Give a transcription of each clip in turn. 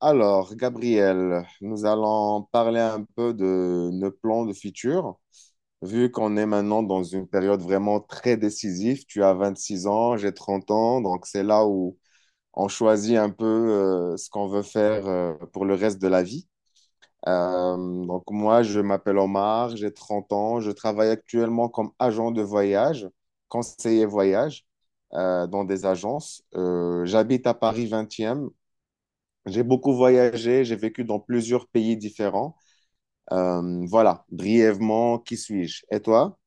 Alors, Gabriel, nous allons parler un peu de nos plans de futur. Vu qu'on est maintenant dans une période vraiment très décisive, tu as 26 ans, j'ai 30 ans, donc c'est là où on choisit un peu ce qu'on veut faire pour le reste de la vie. Euh, donc moi, je m'appelle Omar, j'ai 30 ans, je travaille actuellement comme agent de voyage, conseiller voyage dans des agences. J'habite à Paris 20e. J'ai beaucoup voyagé, j'ai vécu dans plusieurs pays différents. Voilà, brièvement, qui suis-je? Et toi?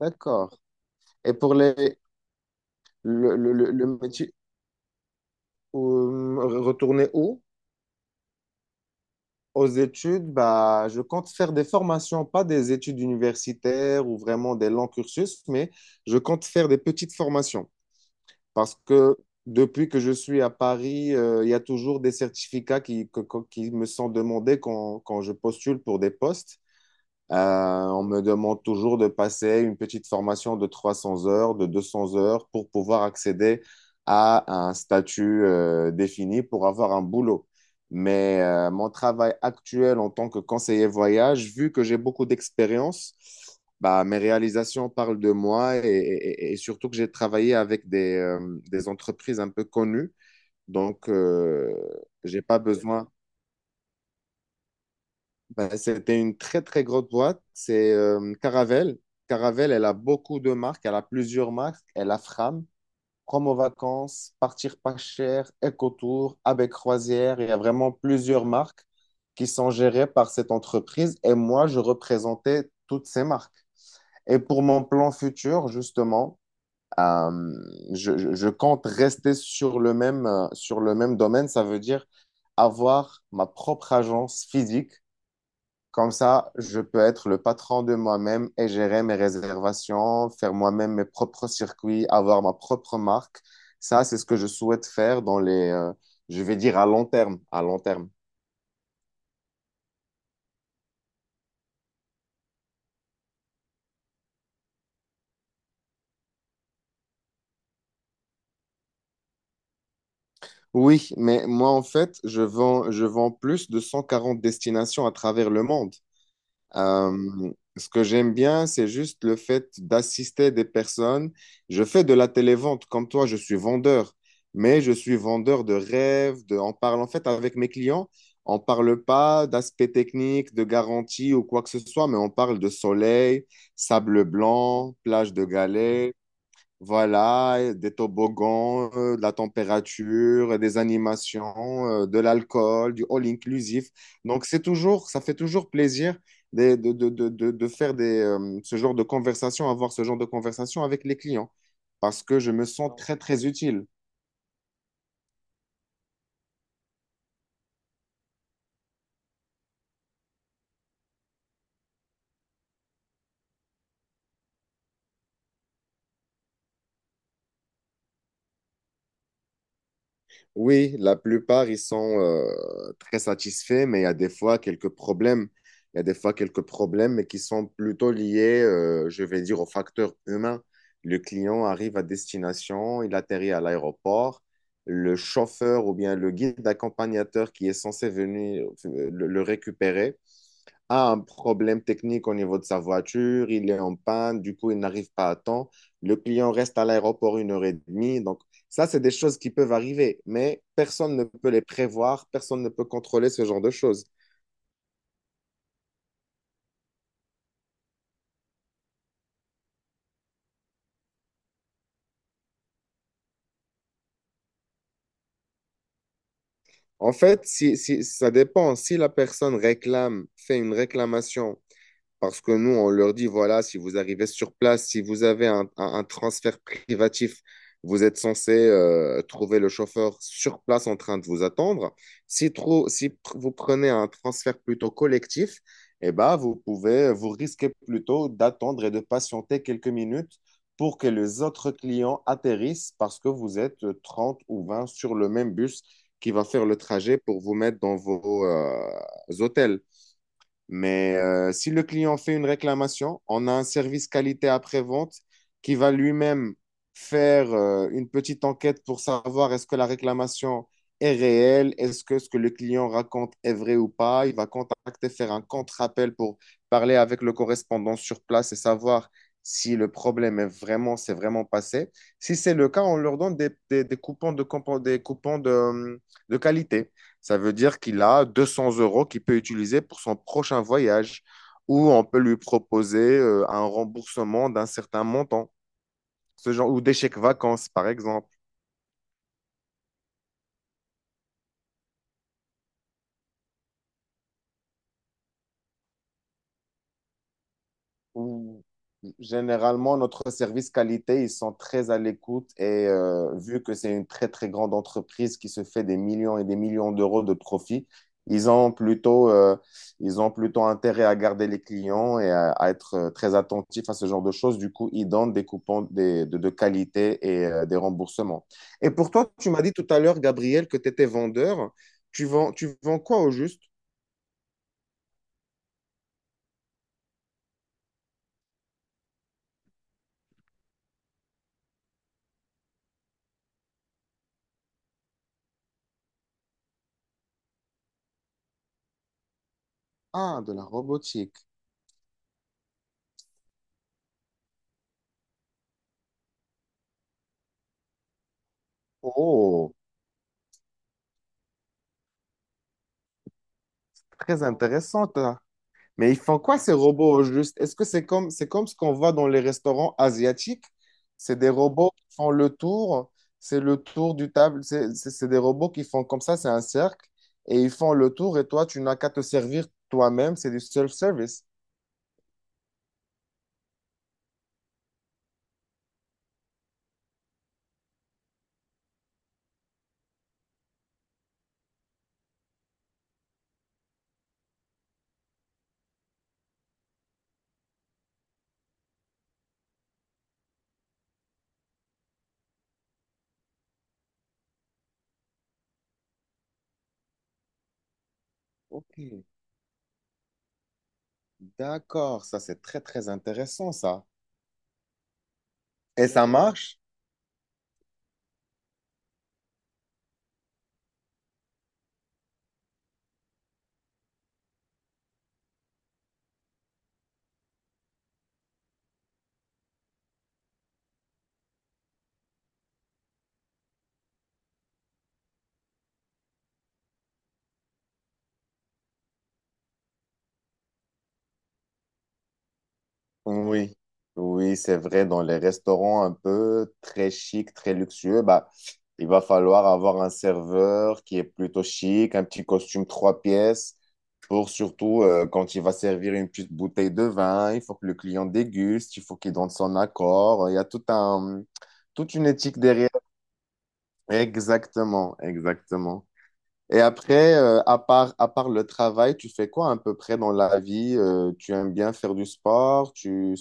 D'accord. Et pour les, le métier, retourner où? Aux études, bah, je compte faire des formations, pas des études universitaires ou vraiment des longs cursus, mais je compte faire des petites formations parce que depuis que je suis à Paris, il y a toujours des certificats qui me sont demandés quand je postule pour des postes. Euh, on me demande toujours de passer une petite formation de 300 heures, de 200 heures pour pouvoir accéder à un statut défini pour avoir un boulot. Mais mon travail actuel en tant que conseiller voyage, vu que j'ai beaucoup d'expérience, bah, mes réalisations parlent de moi et surtout que j'ai travaillé avec des entreprises un peu connues. Donc, j'ai pas besoin. Ben, c'était une très, très grosse boîte. C'est Caravelle. Caravelle, elle a beaucoup de marques. Elle a plusieurs marques. Elle a Fram, Promo Vacances, Partir pas cher, EcoTour, Avec Croisière. Il y a vraiment plusieurs marques qui sont gérées par cette entreprise. Et moi, je représentais toutes ces marques. Et pour mon plan futur, justement, euh, je compte rester sur le même domaine. Ça veut dire avoir ma propre agence physique comme ça, je peux être le patron de moi-même et gérer mes réservations, faire moi-même mes propres circuits, avoir ma propre marque. Ça, c'est ce que je souhaite faire je vais dire à long terme, à long terme. Oui, mais moi, en fait, je vends plus de 140 destinations à travers le monde. Euh, ce que j'aime bien, c'est juste le fait d'assister des personnes. Je fais de la télévente comme toi, je suis vendeur, mais je suis vendeur de rêves, on parle en fait avec mes clients, on parle pas d'aspect technique, de garantie ou quoi que ce soit, mais on parle de soleil, sable blanc, plage de galets, voilà, des toboggans, de la température, des animations, de l'alcool, du all inclusif. Donc c'est toujours, ça fait toujours plaisir de faire ce genre de conversation, avoir ce genre de conversation avec les clients, parce que je me sens très très utile. Oui, la plupart, ils sont très satisfaits, mais il y a des fois quelques problèmes. Il y a des fois quelques problèmes, mais qui sont plutôt liés, je vais dire, aux facteurs humains. Le client arrive à destination, il atterrit à l'aéroport. Le chauffeur ou bien le guide accompagnateur qui est censé venir le récupérer a un problème technique au niveau de sa voiture, il est en panne, du coup, il n'arrive pas à temps. Le client reste à l'aéroport une heure et demie. Donc, ça, c'est des choses qui peuvent arriver, mais personne ne peut les prévoir, personne ne peut contrôler ce genre de choses. En fait, ça dépend. Si la personne réclame, fait une réclamation. Parce que nous, on leur dit, voilà, si vous arrivez sur place, si vous avez un transfert privatif, vous êtes censé trouver le chauffeur sur place en train de vous attendre. Si vous prenez un transfert plutôt collectif, eh ben, vous risquez plutôt d'attendre et de patienter quelques minutes pour que les autres clients atterrissent parce que vous êtes 30 ou 20 sur le même bus qui va faire le trajet pour vous mettre dans vos hôtels. Mais si le client fait une réclamation, on a un service qualité après-vente qui va lui-même faire une petite enquête pour savoir est-ce que la réclamation est réelle, est-ce que ce que le client raconte est vrai ou pas. Il va contacter, faire un contre-appel pour parler avec le correspondant sur place et savoir si le problème s'est vraiment passé. Si c'est le cas, on leur donne des coupons de, compo- des coupons de qualité. Ça veut dire qu'il a 200 euros qu'il peut utiliser pour son prochain voyage ou on peut lui proposer un remboursement d'un certain montant, ce genre, ou des chèques vacances, par exemple. Ou- Généralement, notre service qualité, ils sont très à l'écoute et vu que c'est une très très grande entreprise qui se fait des millions et des millions d'euros de profit, ils ont plutôt, euh, ils ont plutôt intérêt à garder les clients et à être très attentifs à ce genre de choses. Du coup, ils donnent des coupons de qualité et des remboursements. Et pour toi, tu m'as dit tout à l'heure, Gabriel, que tu étais vendeur. Tu vends quoi au juste? Ah, de la robotique. Oh, très intéressant. Mais ils font quoi ces robots au juste? Est-ce que c'est c'est comme ce qu'on voit dans les restaurants asiatiques? C'est des robots qui font le tour, c'est le tour du table, c'est des robots qui font comme ça, c'est un cercle, et ils font le tour, et toi, tu n'as qu'à te servir toi-même, c'est du self-service. Ok, d'accord, ça c'est très très intéressant ça. Et ça marche? Oui, oui, c'est vrai. Dans les restaurants un peu très chic, très luxueux, bah, il va falloir avoir un serveur qui est plutôt chic, un petit costume trois pièces, pour surtout quand il va servir une petite bouteille de vin, il faut que le client déguste, il faut qu'il donne son accord. Il y a tout un, toute une éthique derrière. Exactement, exactement. Et après, à part le travail, tu fais quoi à peu près dans la vie? Tu aimes bien faire du sport? Tu,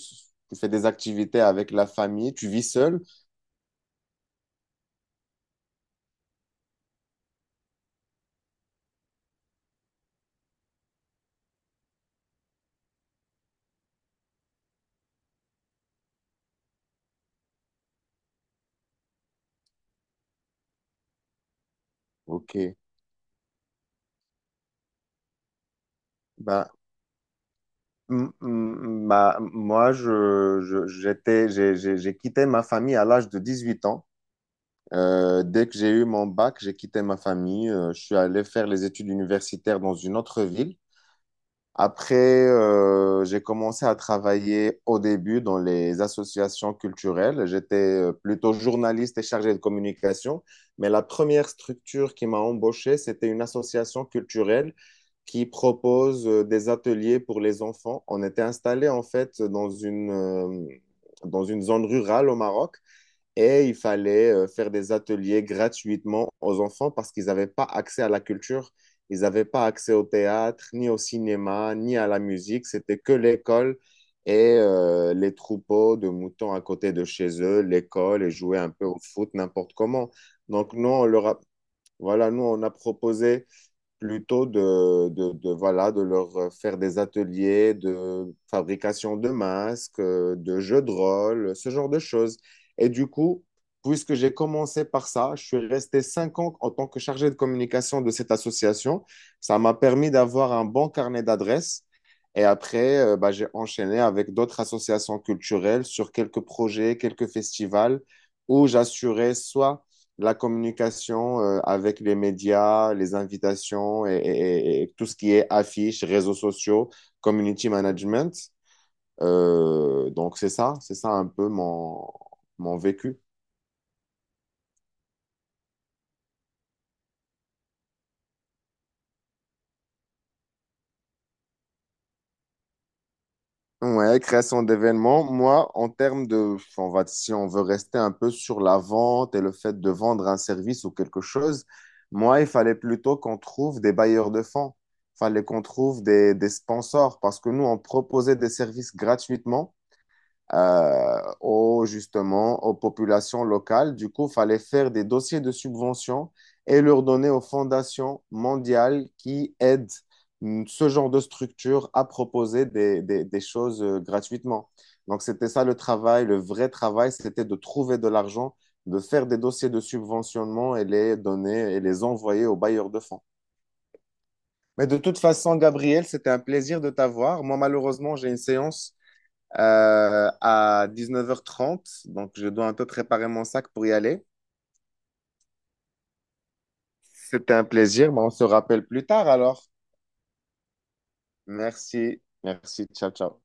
tu fais des activités avec la famille? Tu vis seul? Ok. Bah, moi, j'ai quitté ma famille à l'âge de 18 ans. Dès que j'ai eu mon bac, j'ai quitté ma famille. Je suis allé faire les études universitaires dans une autre ville. Après, j'ai commencé à travailler au début dans les associations culturelles. J'étais plutôt journaliste et chargé de communication, mais la première structure qui m'a embauché, c'était une association culturelle qui propose des ateliers pour les enfants. On était installé en fait dans une zone rurale au Maroc et il fallait faire des ateliers gratuitement aux enfants parce qu'ils n'avaient pas accès à la culture, ils n'avaient pas accès au théâtre, ni au cinéma, ni à la musique. C'était que l'école et les troupeaux de moutons à côté de chez eux, l'école et jouer un peu au foot n'importe comment. Donc nous, voilà, nous, on a proposé plutôt voilà, de leur faire des ateliers de fabrication de masques, de jeux de rôle, ce genre de choses. Et du coup, puisque j'ai commencé par ça, je suis resté 5 ans en tant que chargé de communication de cette association. Ça m'a permis d'avoir un bon carnet d'adresses. Et après, bah, j'ai enchaîné avec d'autres associations culturelles sur quelques projets, quelques festivals où j'assurais soit la communication avec les médias, les invitations et tout ce qui est affiches, réseaux sociaux, community management. Donc c'est ça un peu mon vécu. Ouais, création d'événements. Moi, en termes de, on va, si on veut rester un peu sur la vente et le fait de vendre un service ou quelque chose, moi, il fallait plutôt qu'on trouve des bailleurs de fonds. Il fallait qu'on trouve des sponsors parce que nous, on proposait des services gratuitement justement, aux populations locales. Du coup, il fallait faire des dossiers de subvention et leur donner aux fondations mondiales qui aident ce genre de structure à proposer des choses gratuitement. Donc, c'était ça le travail, le vrai travail, c'était de trouver de l'argent, de faire des dossiers de subventionnement et les donner et les envoyer aux bailleurs de fonds. Mais de toute façon, Gabriel, c'était un plaisir de t'avoir. Moi, malheureusement, j'ai une séance à 9h30. Donc, je dois un peu préparer mon sac pour y aller. C'était un plaisir, mais on se rappelle plus tard alors. Merci. Merci. Ciao, ciao.